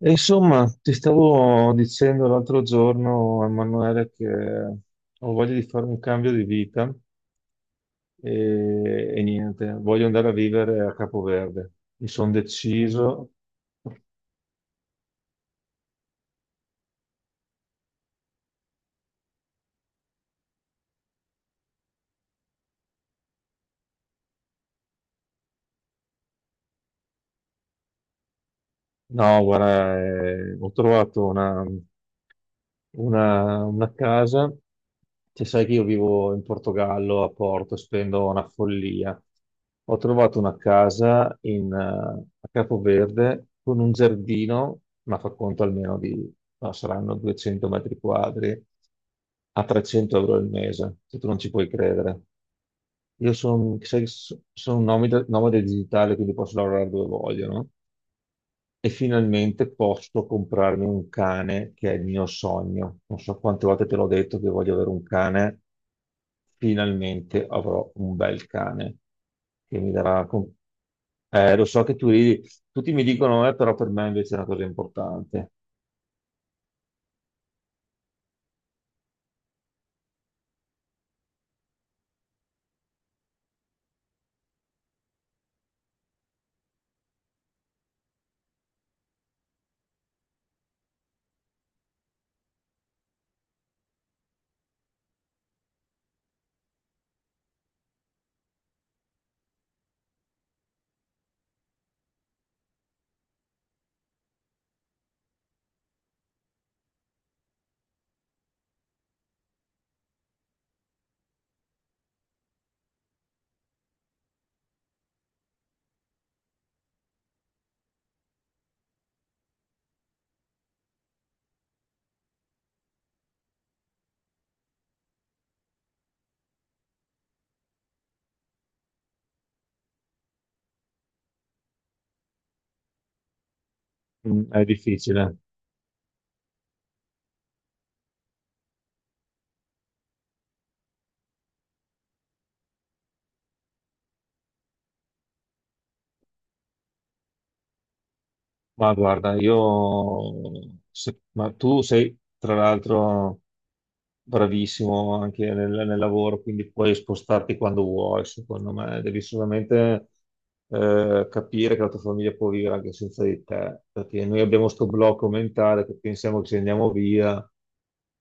E insomma, ti stavo dicendo l'altro giorno, Emanuele, che ho voglia di fare un cambio di vita e niente, voglio andare a vivere a Capoverde. Mi sono deciso. No, guarda, ho trovato una casa, cioè, sai che io vivo in Portogallo, a Porto, spendo una follia. Ho trovato una casa a Capoverde con un giardino, ma fa conto almeno di, no, saranno 200 metri quadri, a 300 euro al mese, se tu non ci puoi credere. Io sono un nomade, nomade digitale, quindi posso lavorare dove voglio, no? E finalmente posso comprarmi un cane che è il mio sogno. Non so quante volte te l'ho detto che voglio avere un cane, finalmente avrò un bel cane che mi darà. Lo so che tu ridi, tutti mi dicono, però per me invece è una cosa importante. Mm, è difficile. Ma guarda, io... se- Ma tu sei, tra l'altro, bravissimo anche nel lavoro, quindi puoi spostarti quando vuoi, secondo me. Devi solamente capire che la tua famiglia può vivere anche senza di te, perché noi abbiamo questo blocco mentale che pensiamo che se andiamo via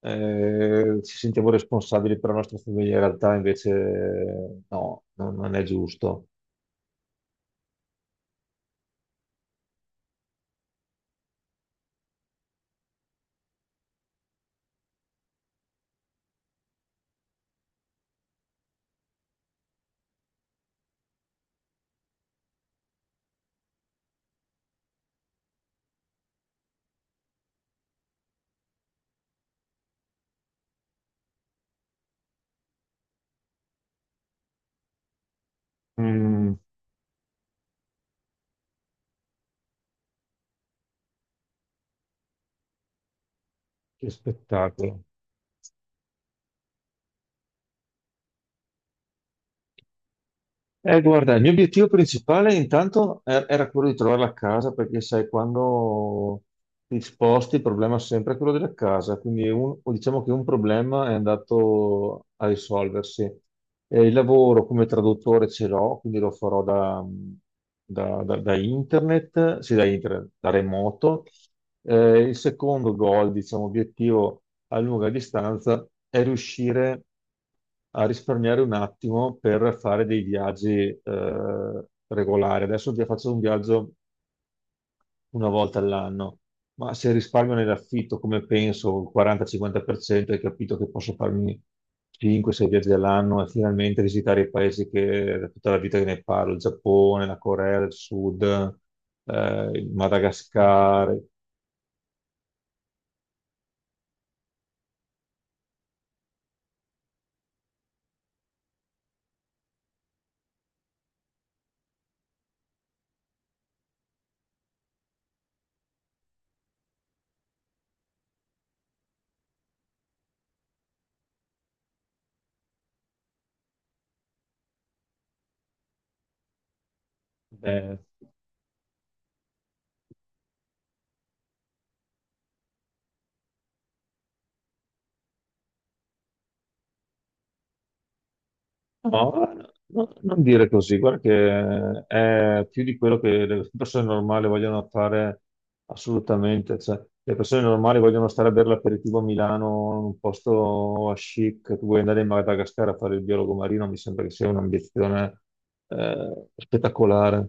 ci sentiamo responsabili per la nostra famiglia, in realtà invece no, non è giusto. Mm, che spettacolo. Guarda, il mio obiettivo principale intanto era quello di trovare la casa, perché sai, quando ti sposti il problema è sempre quello della casa, quindi o diciamo che un problema è andato a risolversi. Il lavoro come traduttore ce l'ho, quindi lo farò da internet, sì, da internet, da remoto. Il secondo goal, diciamo, obiettivo a lunga distanza è riuscire a risparmiare un attimo per fare dei viaggi regolari. Adesso già faccio un viaggio una volta all'anno, ma se risparmio nell'affitto, come penso, il 40-50%, hai capito che posso farmi 5-6 viaggi all'anno e finalmente visitare i paesi che da tutta la vita che ne parlo, il Giappone, la Corea del Sud, il Madagascar. Eh. No, no, non dire così, guarda che è più di quello che le persone normali vogliono fare assolutamente. Cioè, le persone normali vogliono stare a bere l'aperitivo a Milano, in un posto a chic, tu vuoi andare in Madagascar a fare il biologo marino, mi sembra che sia un'ambizione spettacolare.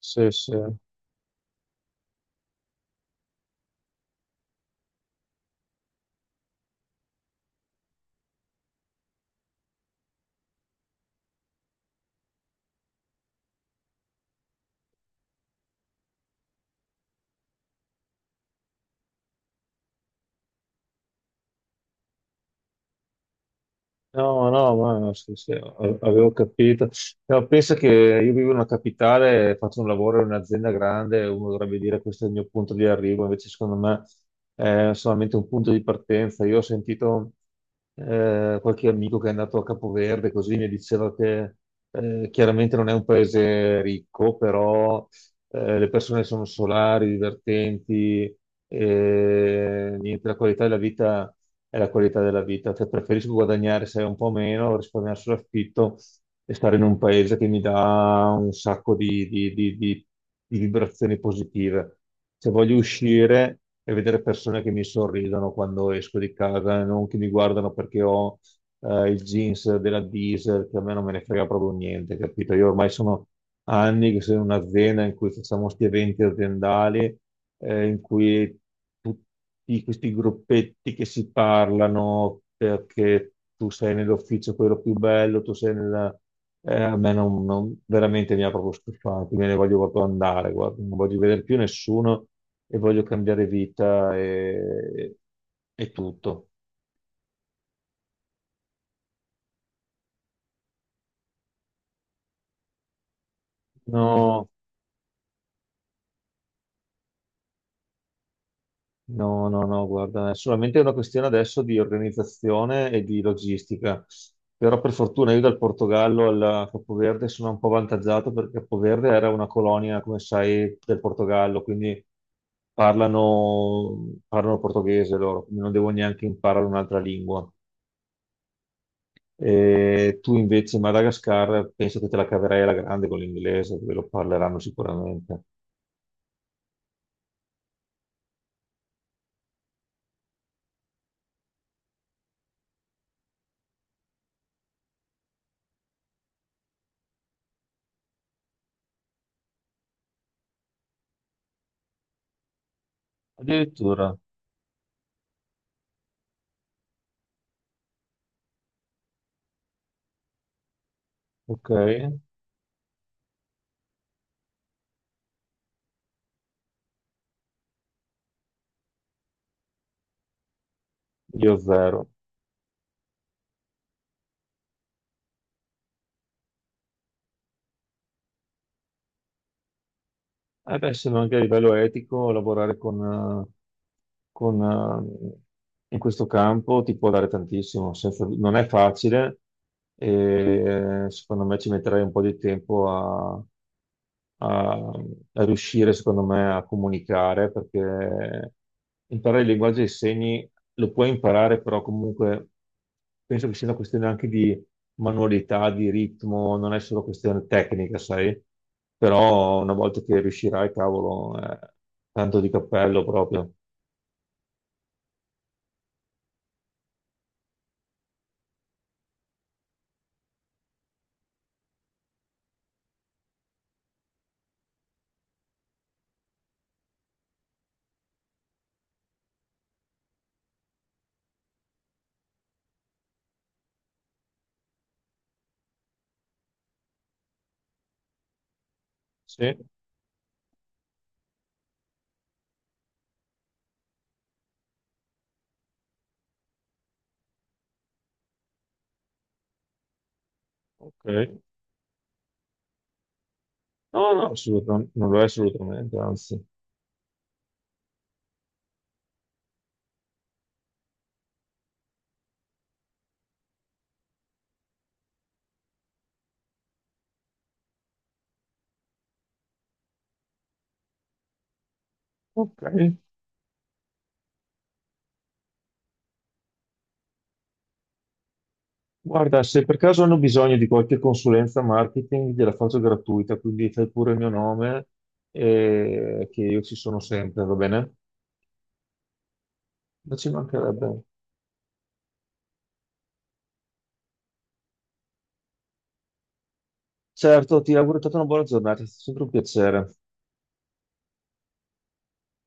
Sì, sì. No, no, ma sì, sì, avevo capito. No, pensa che io vivo in una capitale, faccio un lavoro in un'azienda grande, uno dovrebbe dire questo è il mio punto di arrivo, invece secondo me è solamente un punto di partenza. Io ho sentito qualche amico che è andato a Capoverde, così mi diceva che chiaramente non è un paese ricco, però le persone sono solari, divertenti, e niente, la qualità della vita è la qualità della vita, cioè preferisco guadagnare se un po' meno, risparmiare sull'affitto e stare in un paese che mi dà un sacco di vibrazioni positive. Se voglio uscire e vedere persone che mi sorridono quando esco di casa, non che mi guardano perché ho il jeans della Diesel, che a me non me ne frega proprio niente, capito? Io ormai sono anni che sono in un'azienda in cui facciamo questi eventi aziendali in cui tutti questi gruppetti che si parlano perché tu sei nell'ufficio quello più bello, a me non, veramente mi ha proprio stufato, me ne voglio proprio andare, guarda, non voglio vedere più nessuno e voglio cambiare vita e tutto. No, no, no, no, guarda, è solamente una questione adesso di organizzazione e di logistica. Però per fortuna io dal Portogallo al Capoverde sono un po' avvantaggiato perché Capoverde era una colonia, come sai, del Portogallo, quindi parlano portoghese loro, quindi non devo neanche imparare un'altra lingua. E tu invece in Madagascar penso che te la caverai alla grande con l'inglese, dove lo parleranno sicuramente. Addirittura, ok, io zero. Eh beh, se no anche a livello etico lavorare con, eh, in questo campo ti può dare tantissimo, non è facile e secondo me ci metterai un po' di tempo a, a riuscire, secondo me, a comunicare, perché imparare il linguaggio dei segni lo puoi imparare, però comunque penso che sia una questione anche di manualità, di ritmo, non è solo questione tecnica, sai? Però una volta che riuscirai, cavolo, tanto di cappello proprio. Sì, ok. No, no, assolutamente, non lo è assolutamente, anzi. Ok. Guarda, se per caso hanno bisogno di qualche consulenza marketing, gliela faccio gratuita, quindi fai pure il mio nome e che io ci sono sempre, va bene? Ma ci mancherebbe. Certo, ti auguro tutta una buona giornata, è stato sempre un piacere.